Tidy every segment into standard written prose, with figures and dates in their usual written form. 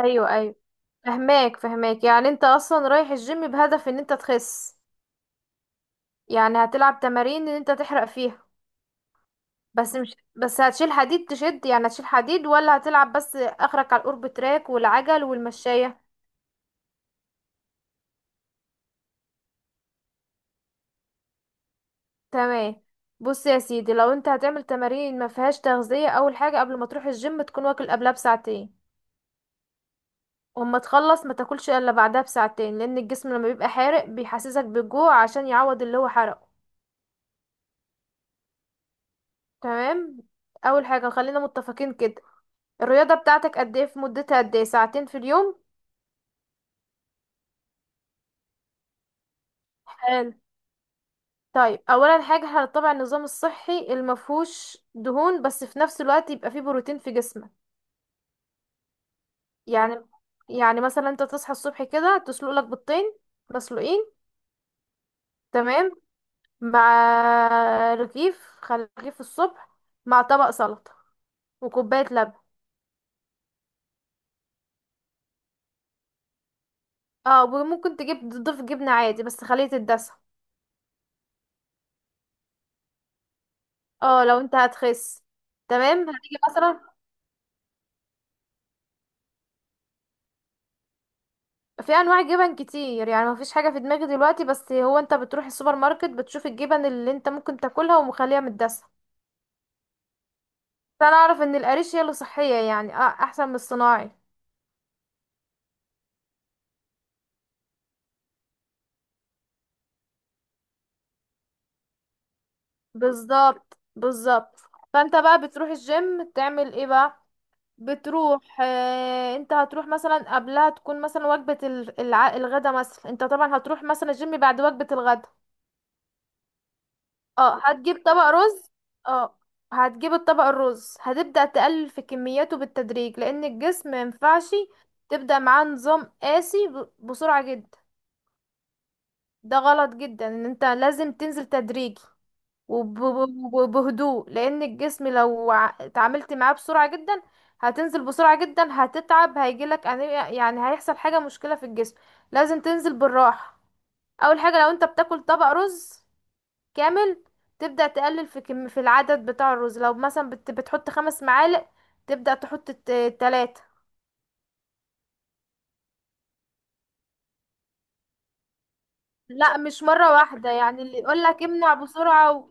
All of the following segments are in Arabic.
ايوه ايوه. فهماك فهماك، يعني انت اصلا رايح الجيم بهدف ان انت تخس، يعني هتلعب تمارين ان انت تحرق فيها. مش بس هتشيل حديد تشد، يعني هتشيل حديد ولا هتلعب بس اخرك على الأورب تراك والعجل والمشاية؟ تمام. بص يا سيدي، لو انت هتعمل تمارين ما فيهاش تغذية، اول حاجة قبل ما تروح الجيم تكون واكل قبلها بساعتين، واما تخلص ما تاكلش الا بعدها بساعتين، لان الجسم لما بيبقى حارق بيحسسك بالجوع عشان يعوض اللي هو حرقه. تمام. اول حاجة خلينا متفقين كده. الرياضة بتاعتك قد ايه في مدتها؟ قد ايه، ساعتين في اليوم؟ حلو. طيب اولا حاجة هنتبع النظام الصحي المفهوش دهون، بس في نفس الوقت يبقى فيه بروتين في جسمك. يعني يعني مثلا انت تصحى الصبح كده تسلق لك بيضتين مسلوقين. تمام. مع رغيف الصبح، مع طبق سلطة وكوباية لبن. اه، وممكن تضيف جبنة عادي، بس خليه تتدسى. اه لو انت هتخس. تمام. هتيجي مثلا، في انواع جبن كتير يعني، مفيش حاجه في دماغي دلوقتي، بس هو انت بتروح السوبر ماركت بتشوف الجبن اللي انت ممكن تاكلها ومخليها متدسه. بس انا اعرف ان القريش هي اللي صحيه، يعني احسن من الصناعي. بالظبط بالظبط. فانت بقى بتروح الجيم تعمل ايه بقى؟ بتروح آه انت هتروح مثلا، قبلها تكون مثلا وجبه الغدا، مثلا انت طبعا هتروح مثلا الجيم بعد وجبه الغدا. اه هتجيب طبق رز. اه هتجيب الطبق الرز، هتبدأ تقلل في كمياته بالتدريج، لأن الجسم مينفعش تبدأ معاه نظام قاسي بسرعة جدا. ده غلط جدا، ان انت لازم تنزل تدريجي وبهدوء، لأن الجسم لو اتعاملت معاه بسرعة جدا هتنزل بسرعة جدا، هتتعب، هيجيلك يعني هيحصل حاجة، مشكلة في الجسم، لازم تنزل بالراحة. أول حاجة، لو انت بتاكل طبق رز كامل، تبدأ تقلل في العدد بتاع الرز. لو مثلا بتحط 5 معالق، تبدأ تحط تلاتة. لا، مش مرة واحدة، يعني اللي يقولك امنع بسرعة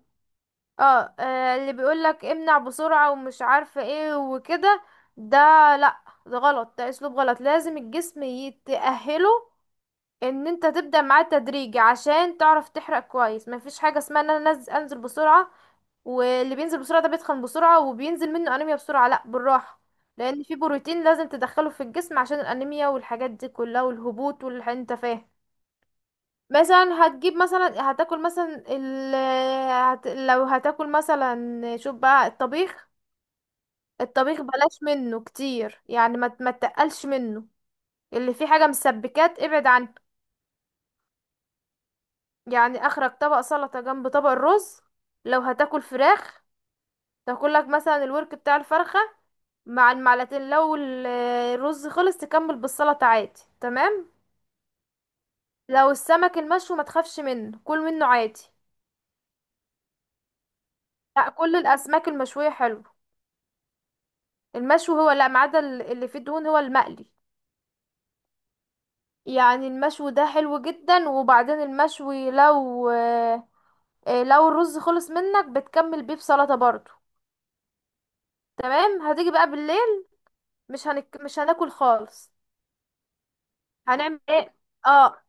اللي بيقولك امنع بسرعة ومش عارفة ايه وكده، ده، لا ده غلط، ده اسلوب غلط، لازم الجسم يتأهله ان انت تبدأ معاه تدريجي عشان تعرف تحرق كويس. مفيش حاجة اسمها ان انا انزل بسرعة، واللي بينزل بسرعة ده بيتخن بسرعة وبينزل منه انيميا بسرعة، لا بالراحة. لان في بروتين لازم تدخله في الجسم عشان الانيميا والحاجات دي كلها والهبوط واللي انت فاهم. مثلا هتجيب مثلا لو هتاكل مثلا، شوف بقى الطبيخ. الطبيخ بلاش منه كتير، يعني ما تقلش منه. اللي فيه حاجة مسبكات ابعد عنه. يعني اخرك طبق سلطة جنب طبق الرز. لو هتاكل فراخ، تاكلك مثلا الورك بتاع الفرخة مع المعلقتين. لو الرز خلص، تكمل بالسلطة عادي. تمام. لو السمك المشوي ما تخافش منه، كل منه عادي. لا، كل الاسماك المشوية حلو. المشوي هو، لا، ما عدا اللي فيه دهون هو المقلي. يعني المشوي ده حلو جدا، وبعدين المشوي، لو لو الرز خلص منك بتكمل بيه بسلطة برضو. تمام. هتيجي بقى بالليل، مش هناكل خالص. هنعمل ايه؟ اه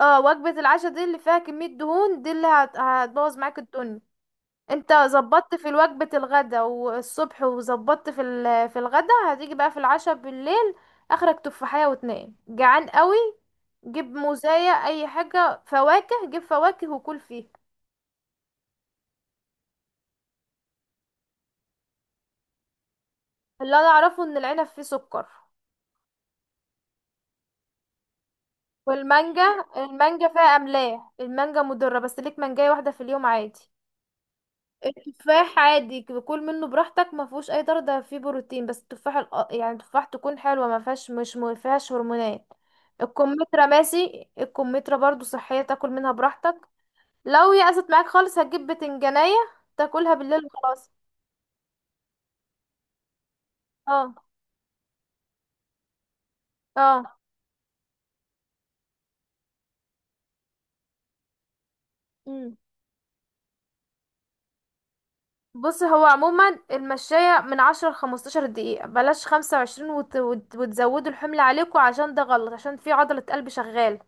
اه وجبة العشاء دي اللي فيها كمية دهون، دي اللي هتبوظ معاك الدنيا. انت ظبطت في وجبة الغدا والصبح، وظبطت في الغدا، هتيجي بقى في العشاء بالليل. اخرك تفاحية، واتنين جعان قوي. جيب موزاية، اي حاجة فواكه، جيب فواكه وكل فيها. اللي انا اعرفه ان العنب فيه سكر. والمانجا، المانجا فيها املاح، المانجا مضرة، بس ليك مانجاية واحدة في اليوم عادي. التفاح عادي، كل منه براحتك، ما فيهوش اي ضرر، ده فيه بروتين. بس التفاح الأ- يعني التفاح تكون حلوه، ما فيهاش هرمونات. الكمثرى ماشي، الكمثرى برضو صحيه، تاكل منها براحتك. لو يأست معاك خالص، هتجيب بتنجانيه، تاكلها بالليل وخلاص. اه اه. مم. بص، هو عموما المشاية من 10 ل15 دقيقة، بلاش 25، وتزودوا الحمل عليكم، عشان ده غلط، عشان في عضلة قلب شغالة.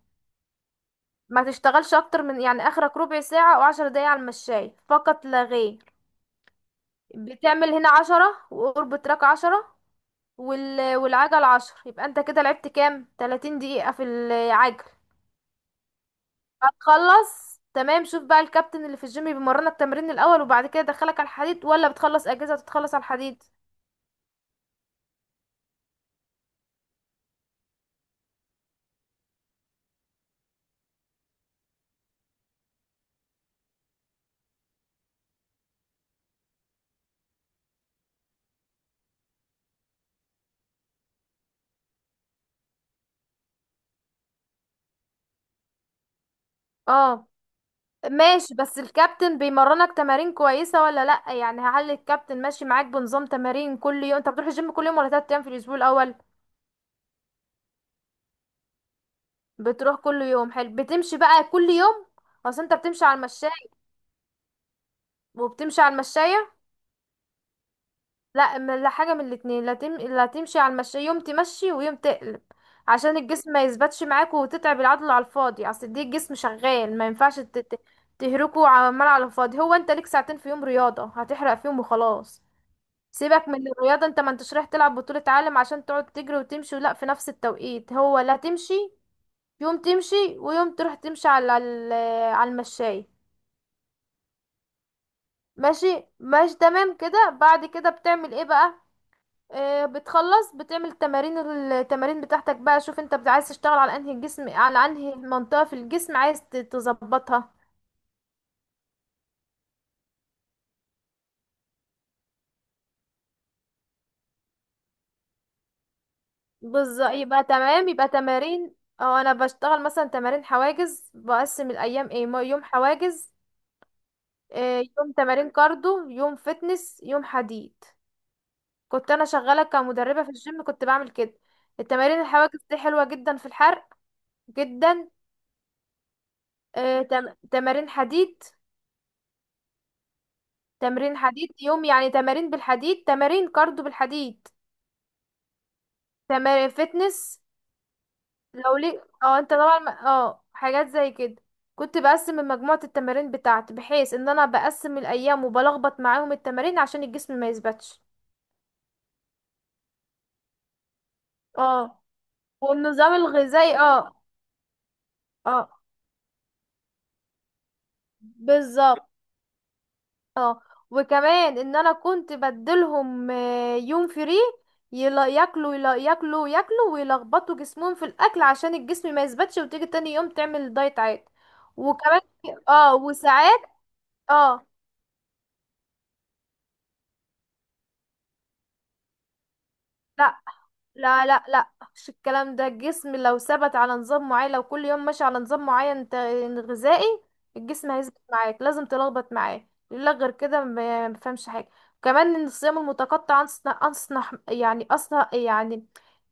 ما تشتغلش اكتر من، يعني اخرك ربع ساعة او 10 دقايق على المشاية فقط لا غير. بتعمل هنا 10، وقرب تراك 10 والعجل 10، يبقى انت كده لعبت كام، 30 دقيقة في العجل. هتخلص تمام. شوف بقى الكابتن اللي في الجيم، بيمرنك تمرين الاول وبعد كده يدخلك على الحديد، ولا بتخلص اجهزة وتتخلص على الحديد؟ اه، ماشي. بس الكابتن بيمرنك تمارين كويسة ولا لأ؟ يعني هل الكابتن ماشي معاك بنظام تمارين كل يوم؟ انت بتروح الجيم كل يوم ولا 3 ايام في الاسبوع الاول؟ بتروح كل يوم؟ حلو. بتمشي بقى كل يوم؟ اصل انت بتمشي على المشاية، وبتمشي على المشاية. لا لا، حاجة من الاتنين. لا، تمشي على المشاية يوم، تمشي ويوم تقلب، عشان الجسم ما يثبتش معاك وتتعب العضلة على الفاضي. اصل دي، الجسم شغال، ما ينفعش تهركه عمال على الفاضي. هو انت ليك ساعتين في يوم رياضة هتحرق فيهم وخلاص. سيبك من الرياضة، انت ما انتش رايح تلعب بطولة عالم عشان تقعد تجري وتمشي. لا، في نفس التوقيت هو، لا، تمشي يوم، تمشي ويوم تروح تمشي على المشاية. ماشي ماشي تمام كده. بعد كده بتعمل ايه بقى؟ بتخلص، بتعمل التمارين بتاعتك بقى. شوف انت عايز تشتغل على انهي منطقة في الجسم عايز تظبطها. بالظبط، يبقى تمام، يبقى تمارين. او انا بشتغل مثلا تمارين حواجز، بقسم الايام ايه، يوم حواجز. يوم تمارين كاردو، يوم فتنس، يوم حديد. كنت انا شغالة كمدربة في الجيم، كنت بعمل كده. التمارين الحواجز دي حلوة جدا في الحرق، جدا. آه، تم... تمارين حديد. تمرين حديد يوم، يعني تمارين بالحديد، تمارين كاردو بالحديد، تمارين فتنس. لو لي، انت طبعا، حاجات زي كده. كنت بقسم مجموعة التمارين بتاعتي بحيث ان انا بقسم الايام وبلخبط معاهم التمارين عشان الجسم ما يثبتش. اه. والنظام الغذائي، اه. اه، بالظبط. اه، وكمان ان انا كنت بدلهم يوم فري. يلا ياكلوا، يلا ياكلوا ياكلوا، ويلخبطوا جسمهم في الاكل عشان الجسم ما يثبتش، وتيجي تاني يوم تعمل دايت عادي. وكمان، اه وساعات. اه، لا لا لا. لا، مش الكلام ده. الجسم لو ثبت على نظام معين، لو كل يوم ماشي على نظام معين غذائي، الجسم هيثبت معاك، لازم تلخبط معاه، لا غير كده ما فهمش حاجة. كمان، ان الصيام المتقطع أنصح أنصح، يعني أصلا، يعني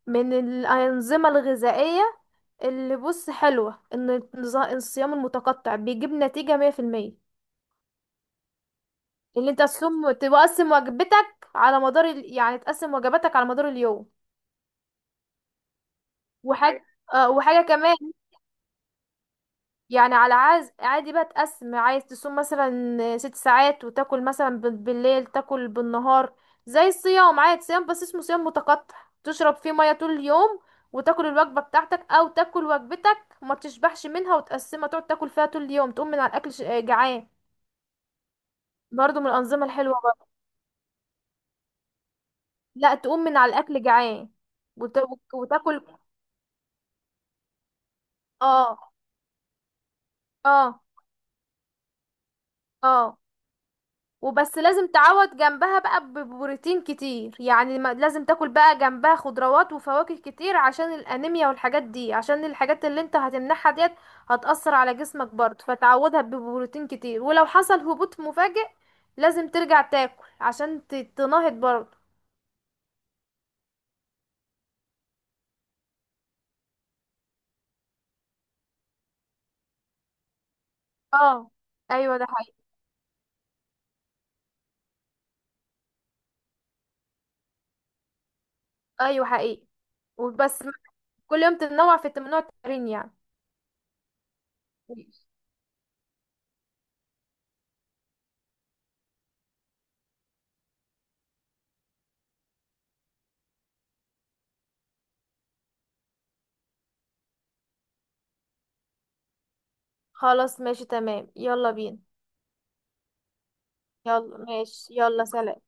من الأنظمة الغذائية، اللي، بص، حلوة، ان الصيام المتقطع بيجيب نتيجة 100%. اللي انت تصوم، تقسم وجبتك يعني تقسم وجباتك على مدار اليوم. وحاجة وحاجة كمان. يعني على عاز عادي بقى، تقسم، عايز تصوم مثلا 6 ساعات، وتاكل مثلا بالليل، تاكل بالنهار. زي الصيام عادي، صيام، بس اسمه صيام متقطع. تشرب فيه مية طول اليوم، وتاكل الوجبة بتاعتك، او تاكل وجبتك وما تشبعش منها وتقسمها، تقعد تاكل فيها طول اليوم، تقوم من على الاكل جعان. برضو من الانظمة الحلوة برضو. لا، تقوم من على الاكل جعان وت... وتاكل. اه اه اه. وبس، لازم تعوض جنبها بقى ببروتين كتير، يعني لازم تاكل بقى جنبها خضروات وفواكه كتير عشان الانيميا والحاجات دي، عشان الحاجات اللي انت هتمنحها ديت هتأثر على جسمك برضه، فتعوضها ببروتين كتير، ولو حصل هبوط مفاجئ لازم ترجع تاكل عشان تنهض برضه. اه. ايوه ده حقيقي، ايوه حقيقي. وبس كل يوم تتنوع في ممنوع التمرين يعني. خلاص ماشي تمام. يلا بينا. يلا ماشي. يلا سلام.